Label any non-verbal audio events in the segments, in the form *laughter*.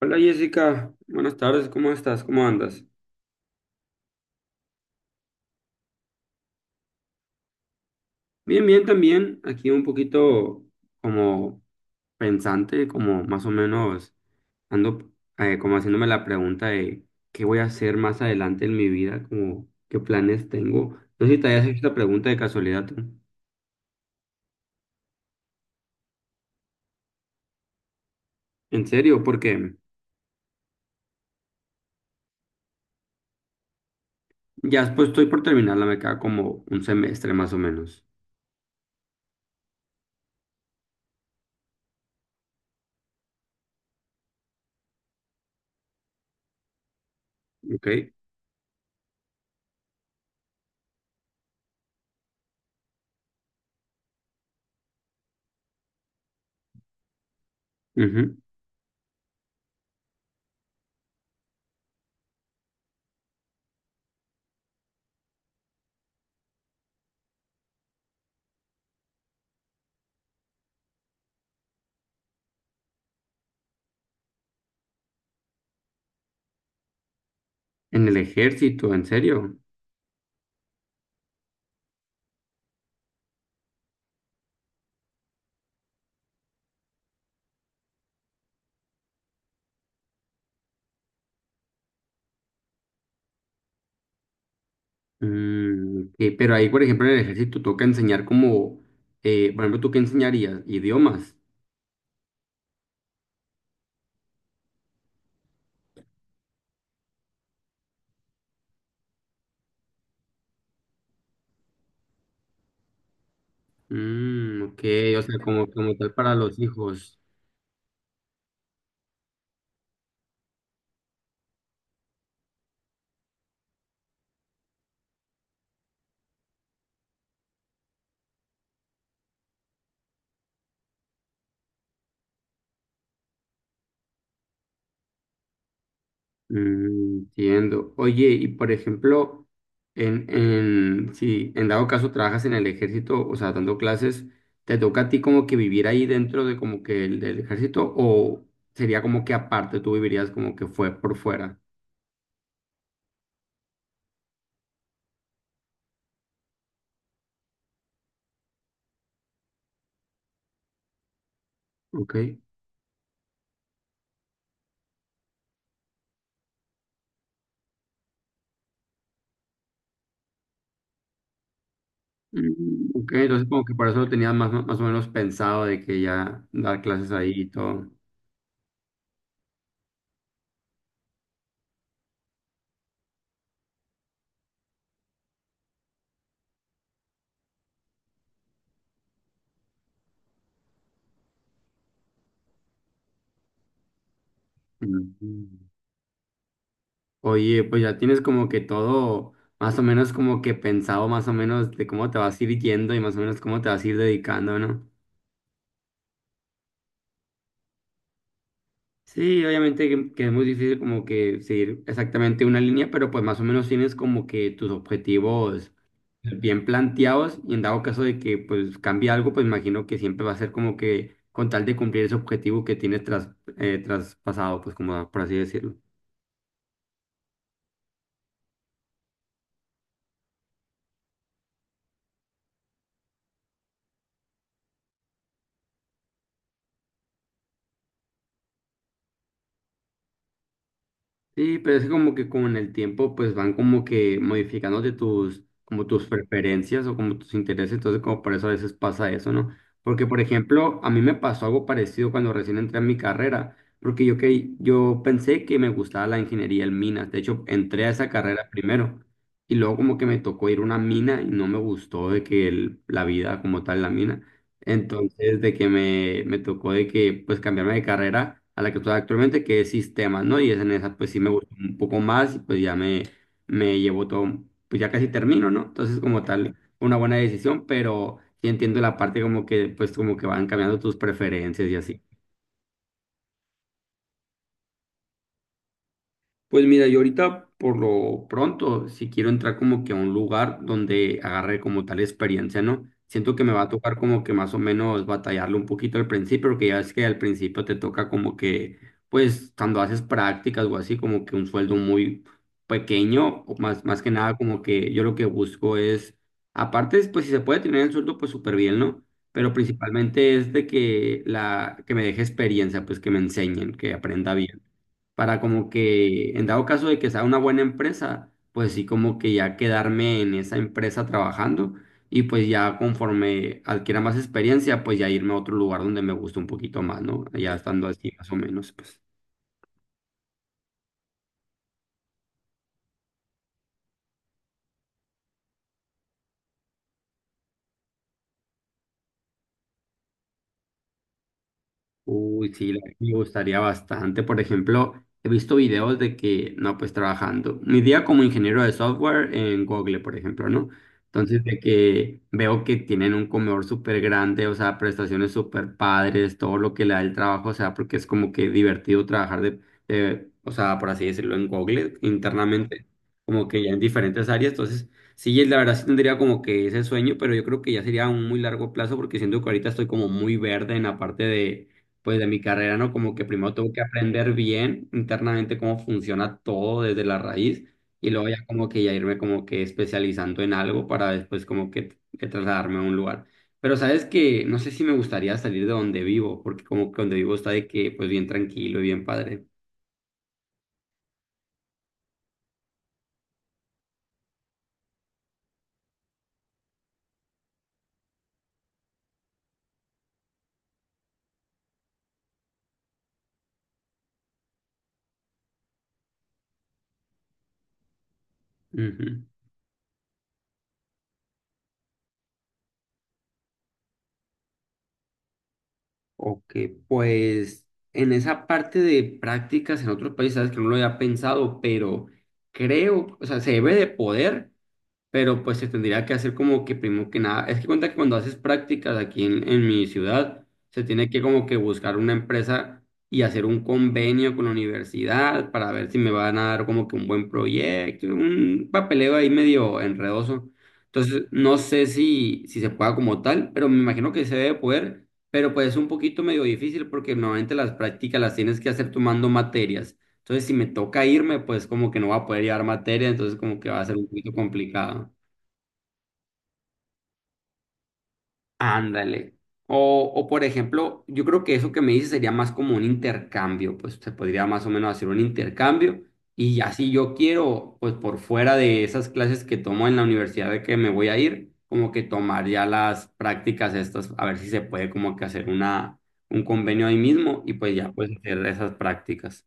Hola Jessica, buenas tardes, ¿cómo estás? ¿Cómo andas? Bien, bien también, aquí un poquito como pensante, como más o menos ando como haciéndome la pregunta de qué voy a hacer más adelante en mi vida, como qué planes tengo. No sé si te hayas hecho esta pregunta de casualidad tú. ¿En serio? Porque ya después estoy por terminarla, me queda como un semestre más o menos, ¿ok? Ujú. ¿En el ejército, en serio? Mm, ok, pero ahí, por ejemplo, en el ejército toca enseñar como, por ejemplo, ¿tú qué enseñarías? Idiomas. Mm, ok, o sea, como, como tal para los hijos. Mm, entiendo. Oye, y por ejemplo, si en dado caso trabajas en el ejército, o sea, dando clases, ¿te toca a ti como que vivir ahí dentro de como que el, del ejército o sería como que aparte tú vivirías como que fue por fuera? Ok. Mm, ok, entonces como que por eso lo tenía más, más o menos pensado de que ya dar clases ahí y todo. Mm. Oye, pues ya tienes como que todo más o menos como que pensado más o menos de cómo te vas a ir yendo y más o menos cómo te vas a ir dedicando, ¿no? Sí, obviamente que es muy difícil como que seguir exactamente una línea, pero pues más o menos tienes como que tus objetivos bien planteados y en dado caso de que pues cambie algo, pues imagino que siempre va a ser como que con tal de cumplir ese objetivo que tienes tras, traspasado, pues como por así decirlo. Sí, pero es como que con el tiempo pues van como que modificándote tus, como tus preferencias o como tus intereses, entonces como por eso a veces pasa eso, ¿no? Porque por ejemplo, a mí me pasó algo parecido cuando recién entré a mi carrera, porque yo, que, yo pensé que me gustaba la ingeniería en minas, de hecho entré a esa carrera primero y luego como que me tocó ir a una mina y no me gustó de que la vida como tal, la mina. Entonces, de que me tocó de que, pues, cambiarme de carrera a la que estoy actualmente, que es sistemas, ¿no? Y es en esa, pues, sí me gustó un poco más y pues ya me llevo todo, pues ya casi termino, ¿no? Entonces, como tal, fue una buena decisión, pero sí entiendo la parte como que, pues, como que van cambiando tus preferencias y así. Pues mira, yo ahorita por lo pronto, si quiero entrar como que a un lugar donde agarre como tal experiencia, ¿no? Siento que me va a tocar como que más o menos batallarlo un poquito al principio, porque ya es que al principio te toca como que, pues cuando haces prácticas o así, como que un sueldo muy pequeño, o más, más que nada como que yo lo que busco es, aparte, pues si se puede tener el sueldo, pues súper bien, ¿no? Pero principalmente es de que la, que me deje experiencia, pues que me enseñen, que aprenda bien para como que en dado caso de que sea una buena empresa, pues sí como que ya quedarme en esa empresa trabajando y pues ya conforme adquiera más experiencia, pues ya irme a otro lugar donde me guste un poquito más, ¿no? Ya estando así más o menos, pues. Uy, sí, la verdad me gustaría bastante. Por ejemplo, he visto videos de que, no, pues trabajando, mi día como ingeniero de software en Google, por ejemplo, ¿no? Entonces, de que veo que tienen un comedor súper grande, o sea, prestaciones súper padres, todo lo que le da el trabajo, o sea, porque es como que divertido trabajar o sea, por así decirlo, en Google internamente, como que ya en diferentes áreas. Entonces, sí, la verdad sí tendría como que ese sueño, pero yo creo que ya sería a un muy largo plazo porque siento que ahorita estoy como muy verde en la parte de pues de mi carrera, ¿no? Como que primero tengo que aprender bien internamente cómo funciona todo desde la raíz y luego ya como que ya irme como que especializando en algo para después como que trasladarme a un lugar. Pero sabes que no sé si me gustaría salir de donde vivo, porque como que donde vivo está de que pues bien tranquilo y bien padre. Ujú. Ok, pues en esa parte de prácticas en otros países, sabes que no lo había pensado, pero creo, o sea, se debe de poder, pero pues se tendría que hacer como que primero que nada, es que cuenta que cuando haces prácticas aquí en mi ciudad, se tiene que como que buscar una empresa y hacer un convenio con la universidad para ver si me van a dar como que un buen proyecto, un papeleo ahí medio enredoso. Entonces, no sé si se pueda como tal, pero me imagino que se debe poder, pero pues es un poquito medio difícil porque normalmente las prácticas las tienes que hacer tomando materias. Entonces, si me toca irme, pues como que no va a poder llevar materia, entonces como que va a ser un poquito complicado. Ándale. O por ejemplo, yo creo que eso que me dices sería más como un intercambio, pues se podría más o menos hacer un intercambio y ya si yo quiero, pues por fuera de esas clases que tomo en la universidad de que me voy a ir, como que tomar ya las prácticas estas, a ver si se puede como que hacer una, un convenio ahí mismo y pues ya pues hacer esas prácticas.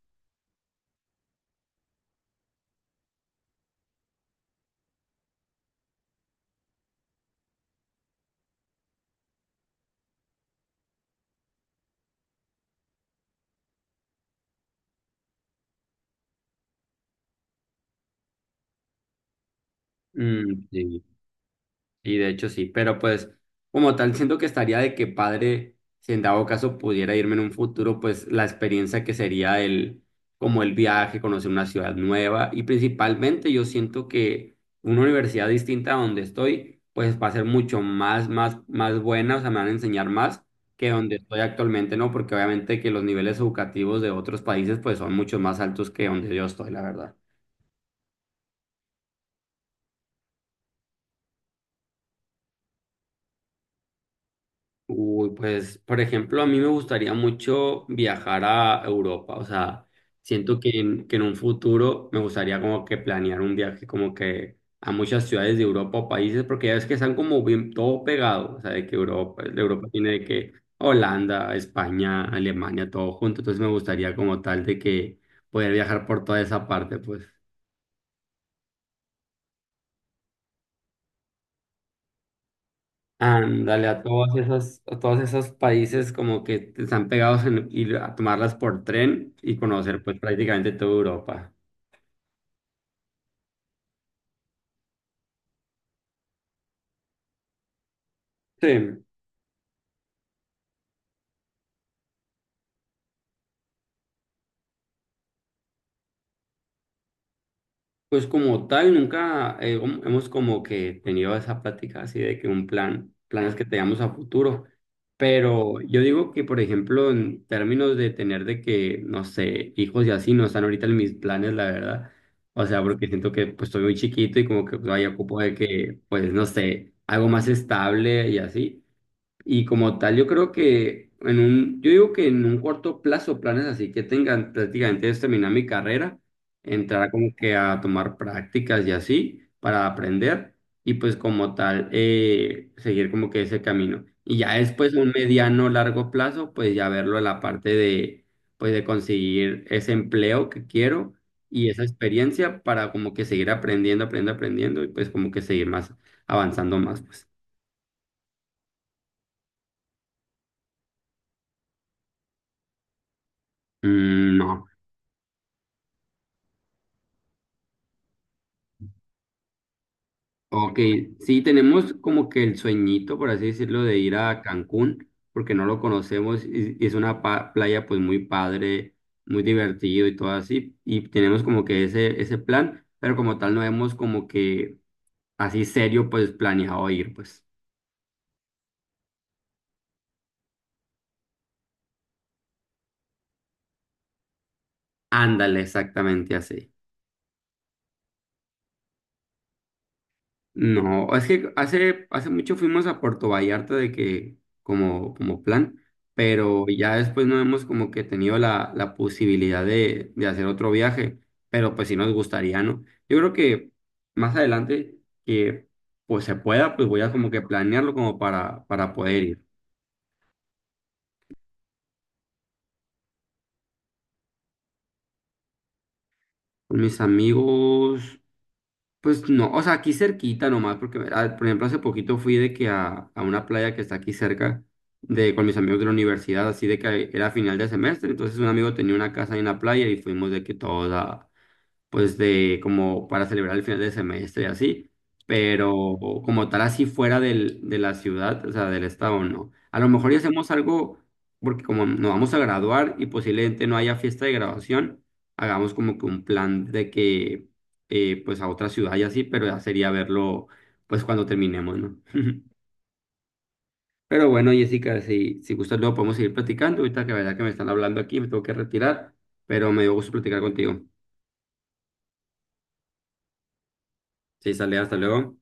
Mm, sí. Y de hecho sí, pero pues como tal siento que estaría de que padre, si en dado caso pudiera irme en un futuro, pues la experiencia que sería el, como el viaje, conocer una ciudad nueva y principalmente yo siento que una universidad distinta a donde estoy, pues va a ser mucho más, más, más buena, o sea, me van a enseñar más que donde estoy actualmente, ¿no? Porque obviamente que los niveles educativos de otros países pues son mucho más altos que donde yo estoy, la verdad. Uy, pues, por ejemplo, a mí me gustaría mucho viajar a Europa, o sea, siento que que en un futuro me gustaría como que planear un viaje como que a muchas ciudades de Europa o países, porque ya ves que están como bien todo pegado, o sea, de que Europa, de Europa tiene de que Holanda, España, Alemania, todo junto, entonces me gustaría como tal de que poder viajar por toda esa parte, pues. Ándale, a todos esos países como que están pegados en ir a tomarlas por tren y conocer pues prácticamente toda Europa. Sí. Pues como tal, nunca hemos como que tenido esa plática así de que un plan, planes que tengamos a futuro, pero yo digo que, por ejemplo, en términos de tener de que, no sé, hijos y así, no están ahorita en mis planes, la verdad, o sea, porque siento que pues estoy muy chiquito y como que vaya ocupo de que, pues, no sé, algo más estable y así. Y como tal, yo creo que en un, yo digo que en un corto plazo, planes así que tengan prácticamente es terminar mi carrera, entrar como que a tomar prácticas y así para aprender y pues como tal seguir como que ese camino. Y ya después un mediano largo plazo, pues ya verlo en la parte de pues de conseguir ese empleo que quiero y esa experiencia para como que seguir aprendiendo, aprendiendo, aprendiendo y pues como que seguir más avanzando más, pues. Mm, no. Ok, sí, tenemos como que el sueñito, por así decirlo, de ir a Cancún, porque no lo conocemos y es una playa pues muy padre, muy divertido y todo así, y tenemos como que ese plan, pero como tal no hemos como que así serio pues planeado ir, pues ándale, exactamente así. No, es que hace, hace mucho fuimos a Puerto Vallarta de que como, como plan, pero ya después no hemos como que tenido la, la posibilidad de hacer otro viaje, pero pues sí nos gustaría, ¿no? Yo creo que más adelante que pues se pueda, pues voy a como que planearlo como para poder ir. Con mis amigos, pues no, o sea, aquí cerquita nomás, porque ah, por ejemplo hace poquito fui de que a una playa que está aquí cerca de con mis amigos de la universidad, así de que era final de semestre, entonces un amigo tenía una casa en la playa y fuimos de que todos a, pues de como para celebrar el final de semestre y así, pero como tal así fuera del, de la ciudad, o sea, del estado, no. A lo mejor ya hacemos algo, porque como nos vamos a graduar y posiblemente no haya fiesta de graduación, hagamos como que un plan de que, pues a otra ciudad y así, pero ya sería verlo, pues cuando terminemos, ¿no? *laughs* Pero bueno, Jessica, si gustas luego podemos seguir platicando. Ahorita que la verdad que me están hablando aquí, me tengo que retirar, pero me dio gusto platicar contigo. Sí, sale, hasta luego.